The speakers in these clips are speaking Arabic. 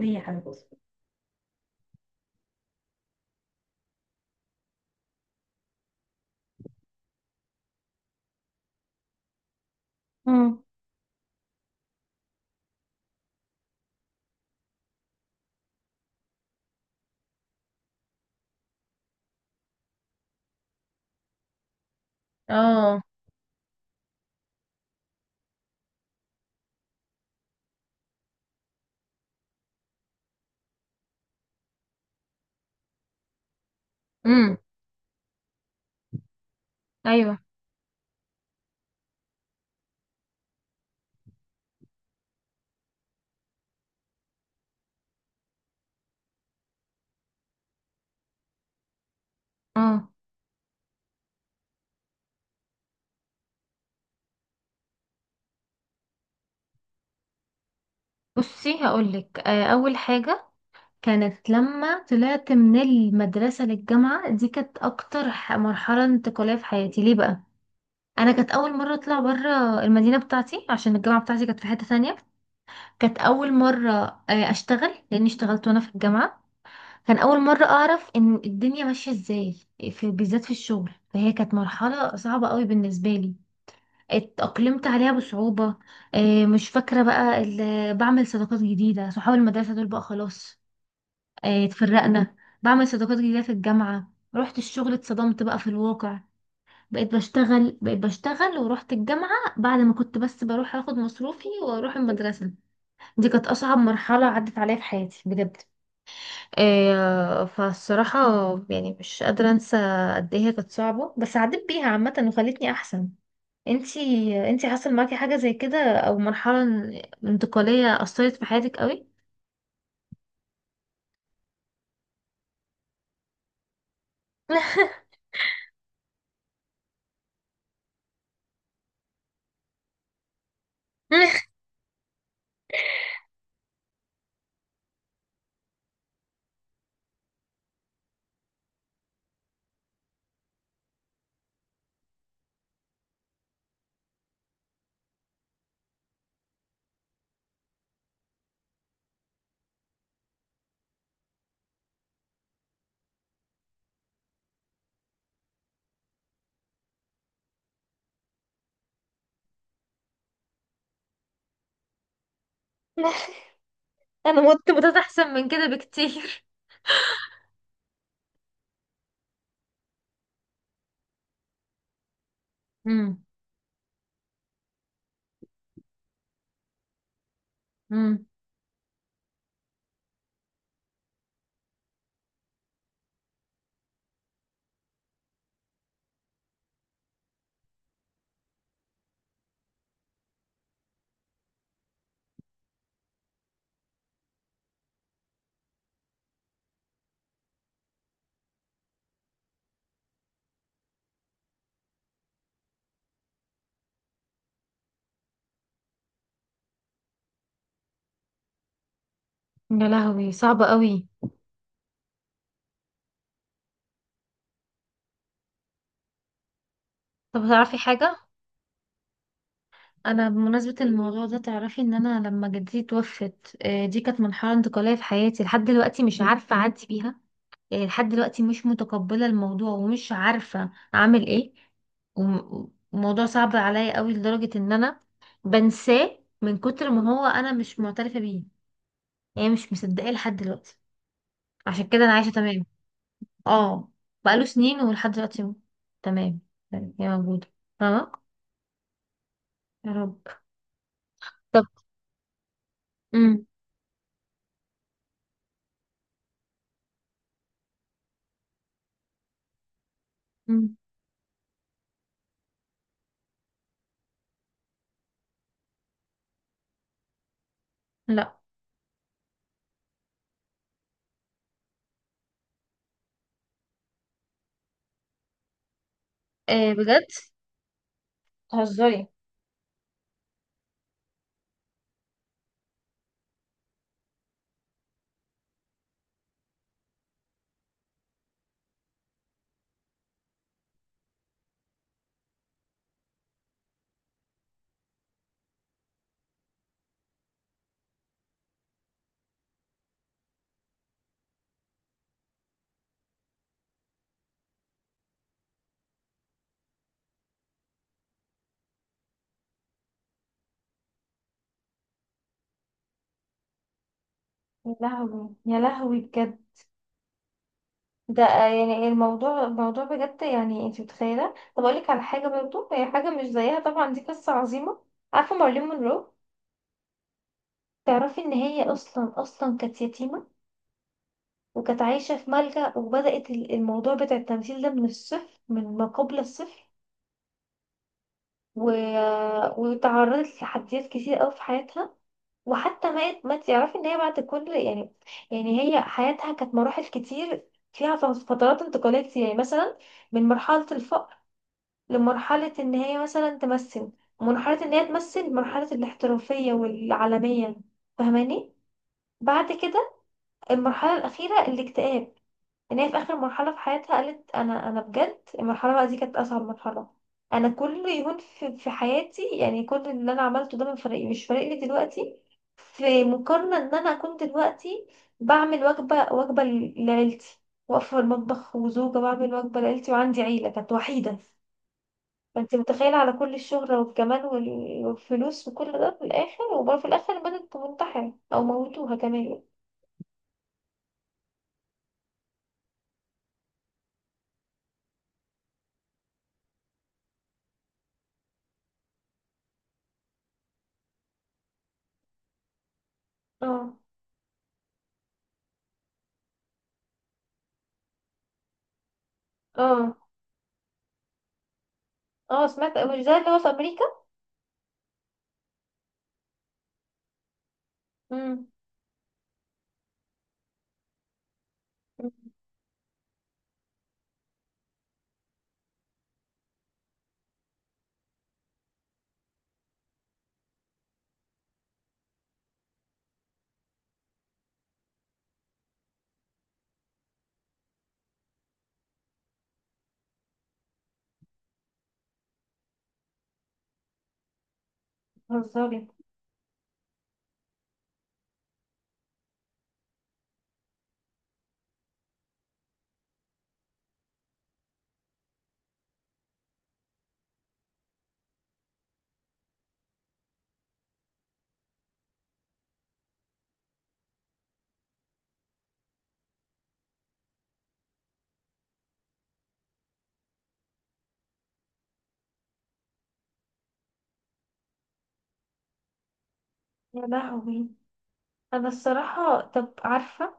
هي حاجة. امم اه امم ايوه. اه. بصي هقولك، اول حاجه كانت لما طلعت من المدرسه للجامعه، دي كانت اكتر مرحله انتقاليه في حياتي. ليه بقى؟ انا كانت اول مره اطلع بره المدينه بتاعتي، عشان الجامعه بتاعتي كانت في حته تانية. كانت اول مره اشتغل، لاني اشتغلت وانا في الجامعه. كان اول مره اعرف ان الدنيا ماشيه ازاي، بالذات في الشغل. فهي كانت مرحله صعبه قوي بالنسبه لي، اتأقلمت عليها بصعوبة. مش فاكرة بقى بعمل صداقات جديدة. صحاب المدرسة دول بقى خلاص، اتفرقنا. بعمل صداقات جديدة في الجامعة، رحت الشغل اتصدمت بقى في الواقع. بقيت بشتغل، بقيت بشتغل ورحت الجامعة، بعد ما كنت بس بروح اخد مصروفي واروح المدرسة. دي كانت اصعب مرحلة عدت عليا في حياتي بجد. فالصراحة يعني مش قادرة انسى قد ايه هي كانت صعبة، بس عديت بيها عامة وخلتني احسن. انتي، حصل معاكي حاجة زي كده، او مرحلة انتقالية أثرت في حياتك قوي؟ انا متت احسن من كده بكتير. امم. امم. يا لهوي، صعبة قوي. طب تعرفي حاجة؟ انا بمناسبة الموضوع ده، تعرفي ان انا لما جدتي توفت، دي كانت مرحلة انتقالية في حياتي لحد دلوقتي مش عارفة اعدي بيها. يعني لحد دلوقتي مش متقبلة الموضوع ومش عارفة اعمل ايه. وموضوع صعب عليا قوي، لدرجة ان انا بنساه من كتر ما هو انا مش معترفة بيه. يعني مش مصدقاه لحد دلوقتي. عشان كده انا عايشة تمام. اه، بقاله سنين ولحد دلوقتي هو تمام. يعني هي موجودة، فاهمة؟ يا رب. طب. امم. امم، لا. إيه بجد، بتهزري؟ يا لهوي، يا لهوي بجد. ده يعني الموضوع، الموضوع بجد يعني انت متخيله. طب اقول لك على حاجه برضو، هي حاجه مش زيها طبعا، دي قصه عظيمه. عارفه مارلين مونرو؟ تعرفي ان هي اصلا، اصلا كانت يتيمه وكانت عايشه في ملجأ، وبدأت الموضوع بتاع التمثيل ده من الصفر، من ما قبل الصفر. و... وتعرضت لتحديات كتير قوي في حياتها. وحتى مات، ما تعرفي ان هي بعد كل يعني، يعني هي حياتها كانت مراحل كتير، فيها فترات انتقالات. يعني مثلا من مرحله الفقر لمرحلة ان هي مثلا تمثل، مرحلة ان هي تمثل مرحلة الاحترافية والعالمية، فاهماني؟ بعد كده المرحلة الأخيرة الاكتئاب. ان هي في آخر مرحلة في حياتها قالت انا، بجد المرحلة بقى دي كانت أصعب مرحلة. انا كل يوم في حياتي، يعني كل اللي انا عملته ده من فريق مش فارق لي دلوقتي، في مقارنة ان انا اكون دلوقتي بعمل وجبة لعيلتي، واقفة في المطبخ وزوجة بعمل وجبة لعيلتي، وعندي عيلة، كانت وحيدة. فانت متخيلة؟ على كل الشهرة والجمال والفلوس وكل ده، في الآخر وبرضه في الآخر البنت تنتحر أو موتوها كمان. اه. اه. اه سمعت، مش ده اللي هو في أمريكا؟ امم. بتهزري؟ يا لهوي، أنا الصراحة. طب عارفة،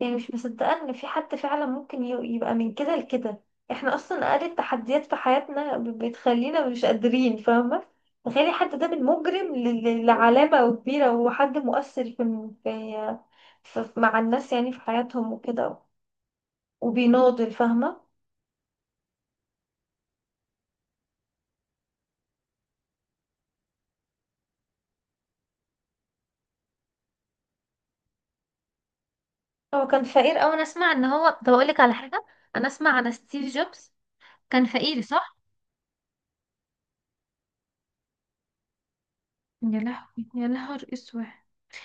يعني مش مصدقة ان في حد فعلا ممكن يبقى من كده لكده. احنا اصلا اقل التحديات في حياتنا بتخلينا مش قادرين، فاهمة؟ تخيلي حد ده من مجرم لعلامة كبيرة، وحد مؤثر في، مع الناس يعني في حياتهم وكده، وبيناضل، فاهمة؟ هو كان فقير أوي، أنا أسمع إن هو، طب أقولك على حاجة. أنا أسمع عن ستيف جوبز كان فقير، صح؟ يا لهوي، يا نهار اسود.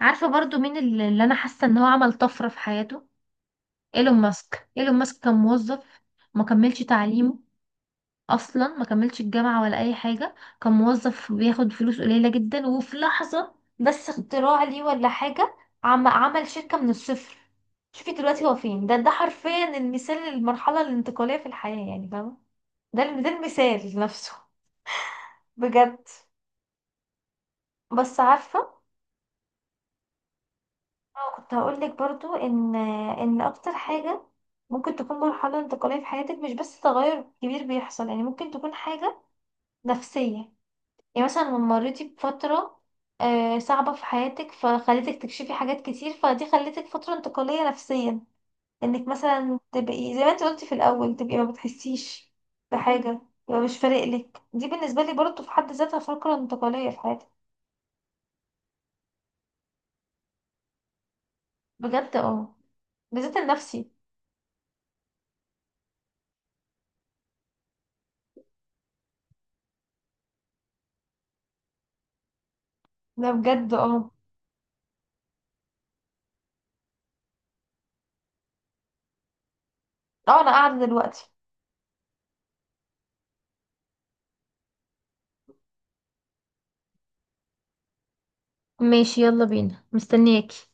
عارفة برضو مين اللي أنا حاسة إن هو عمل طفرة في حياته؟ ايلون ماسك. ايلون ماسك كان موظف، ما كملش تعليمه، اصلا ما كملش الجامعه ولا اي حاجه. كان موظف بياخد فلوس قليله جدا، وفي لحظه بس اختراع ليه ولا حاجه، عمل شركه من الصفر. شوفي دلوقتي هو فين. ده ده حرفيا المثال للمرحله الانتقاليه في الحياه، يعني فاهمه؟ ده ده المثال نفسه. بجد. بس عارفه، اه كنت هقولك برضو ان، ان اكتر حاجه ممكن تكون مرحله انتقاليه في حياتك مش بس تغير كبير بيحصل. يعني ممكن تكون حاجه نفسية. يعني مثلا لما مريتي بفترة صعبة في حياتك فخلتك تكشفي حاجات كتير، فدي خلتك فترة انتقالية نفسيا. انك مثلا تبقي زي ما انت قلتي في الأول، تبقي ما بتحسيش بحاجة، يبقى مش فارق لك، دي بالنسبة لي برضه في حد ذاتها فترة انتقالية في حياتي. بجد اه، بالذات النفسي. ده بجد اه. اه انا قاعدة دلوقتي. ماشي، يلا بينا، مستنياكي.